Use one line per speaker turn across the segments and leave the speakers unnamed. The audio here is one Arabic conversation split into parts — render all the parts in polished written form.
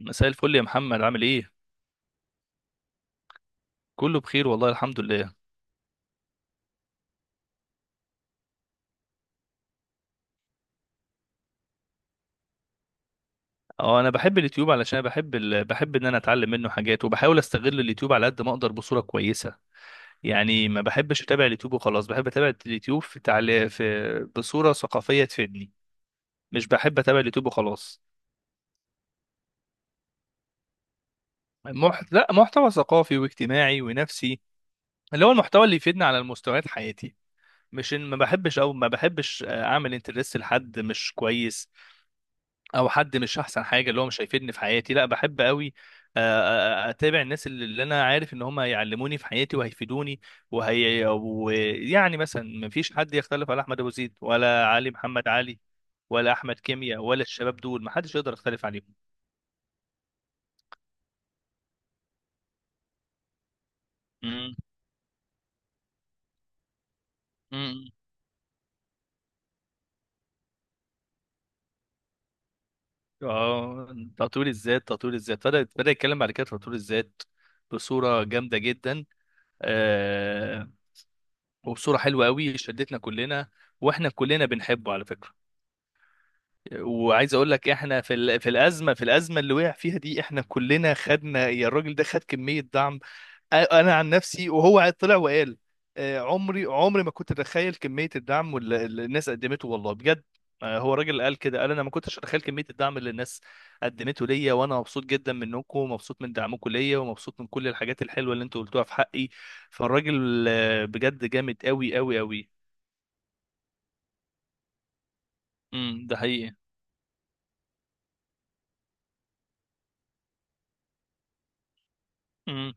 مساء الفل يا محمد، عامل ايه؟ كله بخير والله، الحمد لله. اه، انا بحب اليوتيوب علشان بحب ان انا اتعلم منه حاجات وبحاول استغل اليوتيوب على قد ما اقدر بصوره كويسه. يعني ما بحبش اتابع اليوتيوب وخلاص، بحب اتابع اليوتيوب في بصوره ثقافيه تفيدني. مش بحب اتابع اليوتيوب وخلاص. لا، محتوى ثقافي واجتماعي ونفسي، اللي هو المحتوى اللي يفيدني على المستويات حياتي. مش إن ما بحبش اعمل انترست لحد مش كويس او حد مش احسن حاجه اللي هو مش هيفيدني في حياتي. لا، بحب قوي اتابع الناس اللي انا عارف ان هم هيعلموني في حياتي وهيفيدوني. وهي ويعني مثلا، ما فيش حد يختلف على احمد ابو زيد، ولا علي محمد علي، ولا احمد كيمياء، ولا الشباب دول ما حدش يقدر يختلف عليهم. مم. مم. اه، تطوير الذات تطوير الذات، بدأ يتكلم بعد كده في تطوير الذات بصورة جامدة جدا. آه وبصورة حلوة قوي شدتنا كلنا، واحنا كلنا بنحبه على فكرة. وعايز اقول لك احنا في الازمه اللي وقع فيها دي، احنا كلنا خدنا، يا الراجل ده خد كميه دعم. انا عن نفسي، وهو طلع وقال: عمري ما كنت اتخيل كميه الدعم واللي الناس قدمته، والله بجد. هو راجل قال كده، قال: انا ما كنتش اتخيل كميه الدعم اللي الناس قدمته ليا، وانا مبسوط جدا منكم، ومبسوط من دعمكم ليا، ومبسوط من كل الحاجات الحلوه اللي انتوا قلتوها في حقي. فالراجل بجد جامد قوي قوي قوي. امم، ده حقيقي. امم،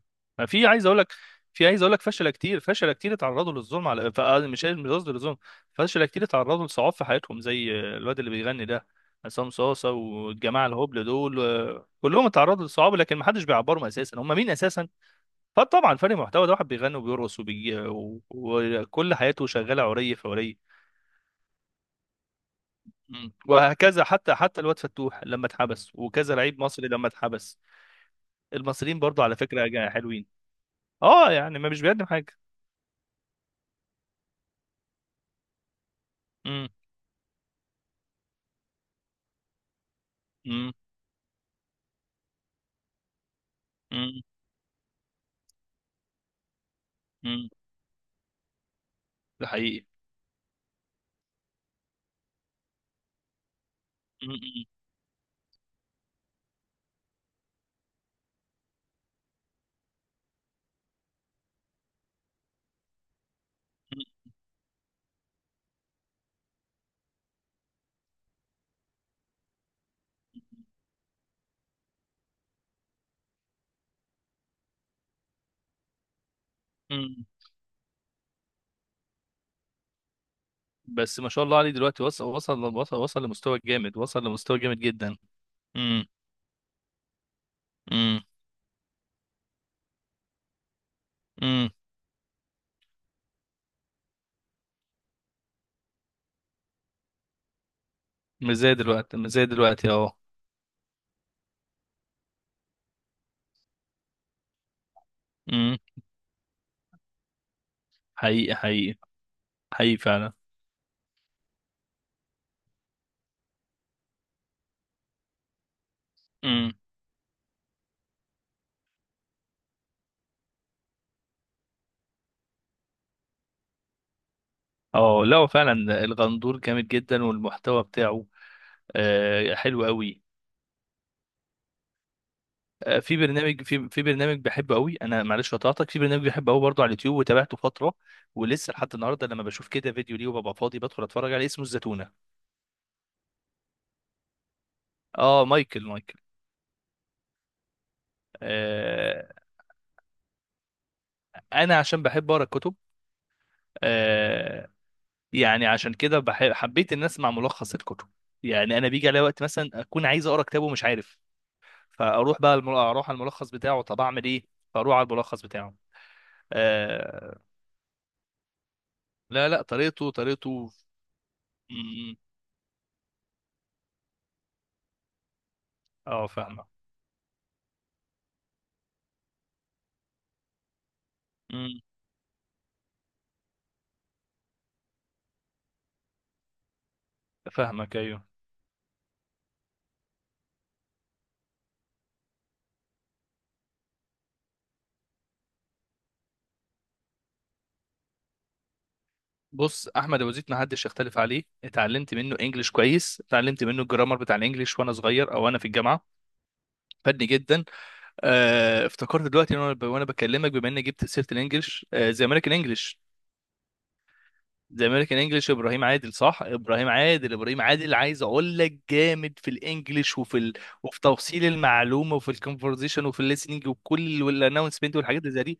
في عايز اقول لك في عايز اقول لك فشله كتير، فشله كتير اتعرضوا للظلم، على مش قصدي للظلم، فشله كتير اتعرضوا لصعاب في حياتهم، زي الواد اللي بيغني ده، عصام صاصه والجماعه الهبل دول كلهم اتعرضوا لصعاب، لكن ما حدش بيعبرهم اساسا، هم مين اساسا؟ فطبعا فرق محتوى، ده واحد بيغني وبيرقص وبيجي وكل حياته شغاله عري في عري. مم. وهكذا، حتى الواد فتوح لما اتحبس، وكذا لعيب مصري لما اتحبس. المصريين برضو على فكره حلوين. اه يعني ما مش بيقدم حاجه. امم. مم. مم. ده حقيقي. مم. مم. مم. بس ما شاء الله عليه، دلوقتي وصل وصل وصل وصل لمستوى جامد، وصل لمستوى جامد جدا. امم. امم. امم. مش زي دلوقتي، مش زي دلوقتي، اه. امم. حقيقي حقيقي. حقيقي فعلا. امم. اه، لا هو فعلا الغندور جامد جدا، والمحتوى بتاعه حلو قوي. في برنامج بحبه قوي، انا معلش قطعتك، في برنامج بحبه قوي برضه على اليوتيوب، وتابعته فتره، ولسه لحد النهارده لما بشوف كده فيديو ليه وببقى فاضي بدخل اتفرج عليه، اسمه الزتونه. اه، مايكل مايكل. آه انا عشان بحب اقرا الكتب. آه يعني عشان كده بحب، حبيت ان اسمع ملخص الكتب. يعني انا بيجي عليا وقت مثلا اكون عايز اقرا كتاب ومش عارف، فاروح بقى اروح على الملخص بتاعه، طب اعمل ايه؟ فاروح على الملخص بتاعه. آه، لا لا، طريقته طريقته. م- م. اه، فاهمه. م. فاهمك، ايوه. بص، احمد ابو زيد ما حدش يختلف عليه، اتعلمت منه انجليش كويس، اتعلمت منه الجرامر بتاع الانجليش وانا صغير او وانا في الجامعه، فادني جدا. افتكرت دلوقتي وانا وأنا بكلمك بما اني جبت سيره الانجليش، زي امريكان انجليش. زي امريكان انجليش ابراهيم عادل، صح، ابراهيم عادل، ابراهيم عادل عايز اقول لك جامد في الانجليش، وفي توصيل المعلومه، وفي الكونفرزيشن، وفي الليسننج، وكل، والانونسمنت والحاجات اللي زي دي.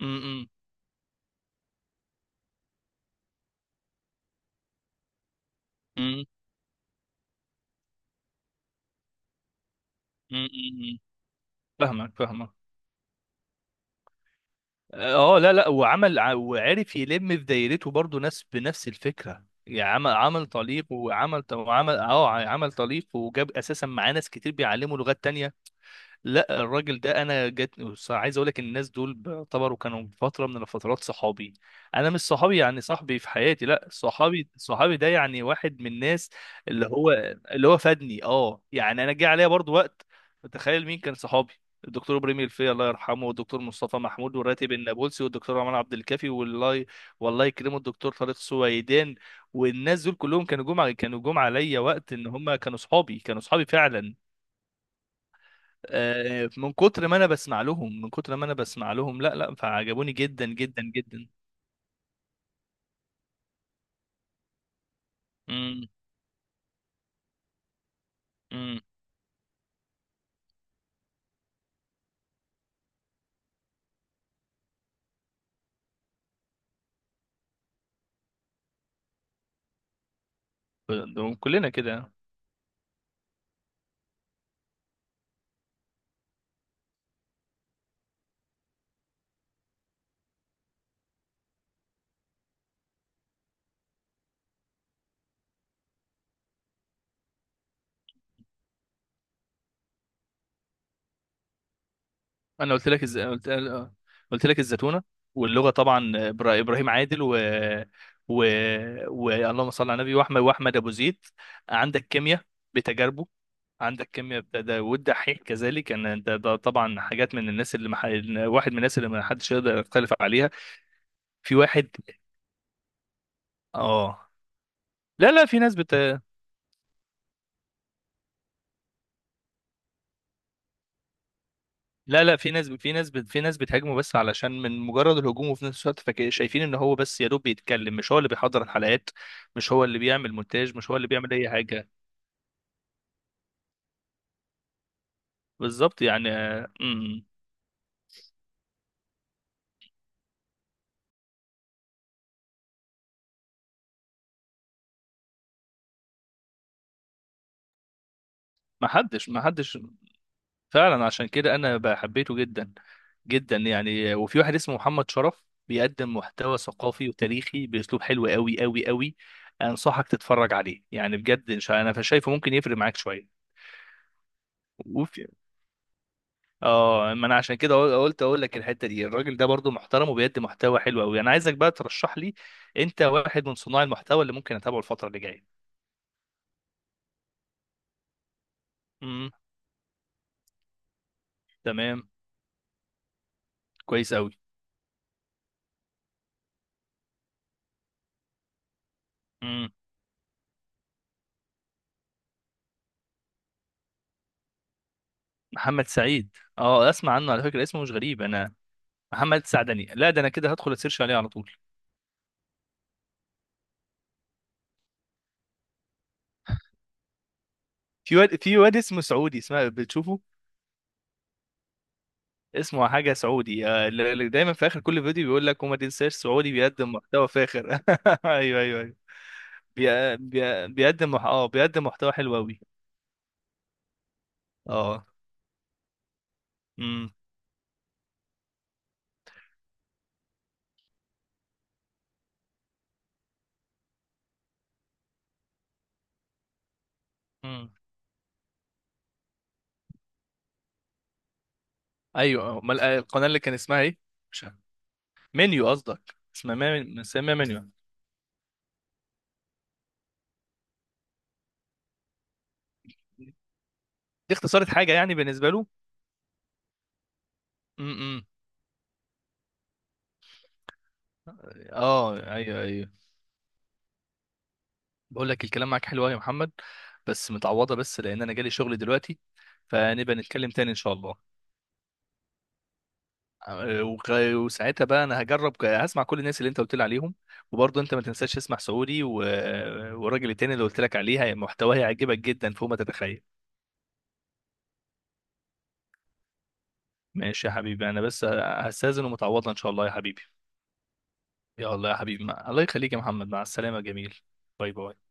م- م- م- م- م- م. فاهمك فاهمك. اه، لا لا، وعمل وعرف يلم في دايرته برضه ناس بنفس الفكره. يعني عمل عمل طليق وعمل وعمل اه عمل طليق وجاب اساسا معاه ناس كتير بيعلموا لغات تانية. لا، الراجل ده انا جت، بص، عايز اقول لك الناس دول بيعتبروا كانوا فتره من الفترات صحابي. انا مش صحابي يعني صاحبي في حياتي، لا صحابي، صحابي ده يعني واحد من الناس اللي هو اللي هو فادني. اه يعني انا جه عليا برضو وقت، تخيل مين كان صحابي؟ الدكتور ابراهيم الفقي الله يرحمه، والدكتور مصطفى محمود، والراتب النابلسي، والدكتور عمر عبد الكافي، والله، والله يكرمه، الدكتور طارق سويدان. والناس دول كلهم كانوا جم كانوا جم عليا وقت ان هم كانوا صحابي، كانوا صحابي فعلا. من كتر ما انا بسمع لهم، من كتر ما انا بسمع لهم، لا لا، فعجبوني جدا جدا جدا. امم. امم. ده كلنا كده. انا قلت لك الزتونه، واللغه طبعا ابراهيم عادل، و, اللهم صل على النبي، واحمد ابو زيد، عندك كيمياء بتجاربه، عندك كيمياء بتدا، والدحيح كذلك، ان انت ده طبعا حاجات من الناس واحد من الناس اللي ما حدش يقدر يختلف عليها. في واحد، اه لا لا، في ناس، لا لا، في ناس بتهاجمه بس علشان من مجرد الهجوم، وفي نفس الوقت شايفين ان هو بس يا دوب بيتكلم، مش هو اللي بيحضر الحلقات، مش هو اللي بيعمل مونتاج، مش هو اللي بيعمل اي حاجه. بالظبط، يعني ما حدش فعلا، عشان كده انا بحبيته جدا جدا. يعني وفي واحد اسمه محمد شرف بيقدم محتوى ثقافي وتاريخي باسلوب حلو قوي قوي قوي، انصحك تتفرج عليه يعني بجد. انا شايفه ممكن يفرق معاك شويه. اه ما انا عشان كده قلت اقول لك الحته دي، الراجل ده برضو محترم وبيقدم محتوى حلو قوي. انا عايزك بقى ترشح لي، انت واحد من صناع المحتوى اللي ممكن اتابعه الفتره اللي جايه. امم. تمام، كويس قوي. امم، محمد سعيد. اه، اسمع عنه على فكره، اسمه مش غريب انا، محمد سعدني، لا ده انا كده هدخل اسيرش عليه على طول. في واد اسمه سعودي، اسمه بتشوفه، اسمه حاجه، سعودي، اللي دايما في اخر كل فيديو بيقول لك: وما تنساش سعودي بيقدم محتوى فاخر. ايوه ايوه ايوه. بي... بي... بيقدم مح... اه بيقدم محتوى حلو قوي. اه. امم. امم. ايوه، امال القناه اللي كان اسمها ايه؟ مش عارف. منيو، قصدك اسمها مسميها منيو. دي اختصارت حاجه يعني بالنسبه له. امم. اه، ايوه، ايوه، بقول لك الكلام معاك حلو أوي يا محمد، بس متعوضه، بس لان انا جالي شغل دلوقتي، فنبقى نتكلم تاني ان شاء الله. وساعتها بقى انا هجرب هسمع كل الناس اللي انت قلت لي عليهم، وبرضه انت ما تنساش تسمع سعودي و... والراجل التاني اللي قلت لك عليها محتواه هيعجبك جدا فوق ما تتخيل. ماشي يا حبيبي، انا بس هستاذن، ومتعوضه ان شاء الله يا حبيبي. يا الله يا حبيبي، الله يخليك يا محمد، مع السلامه، جميل. باي باي.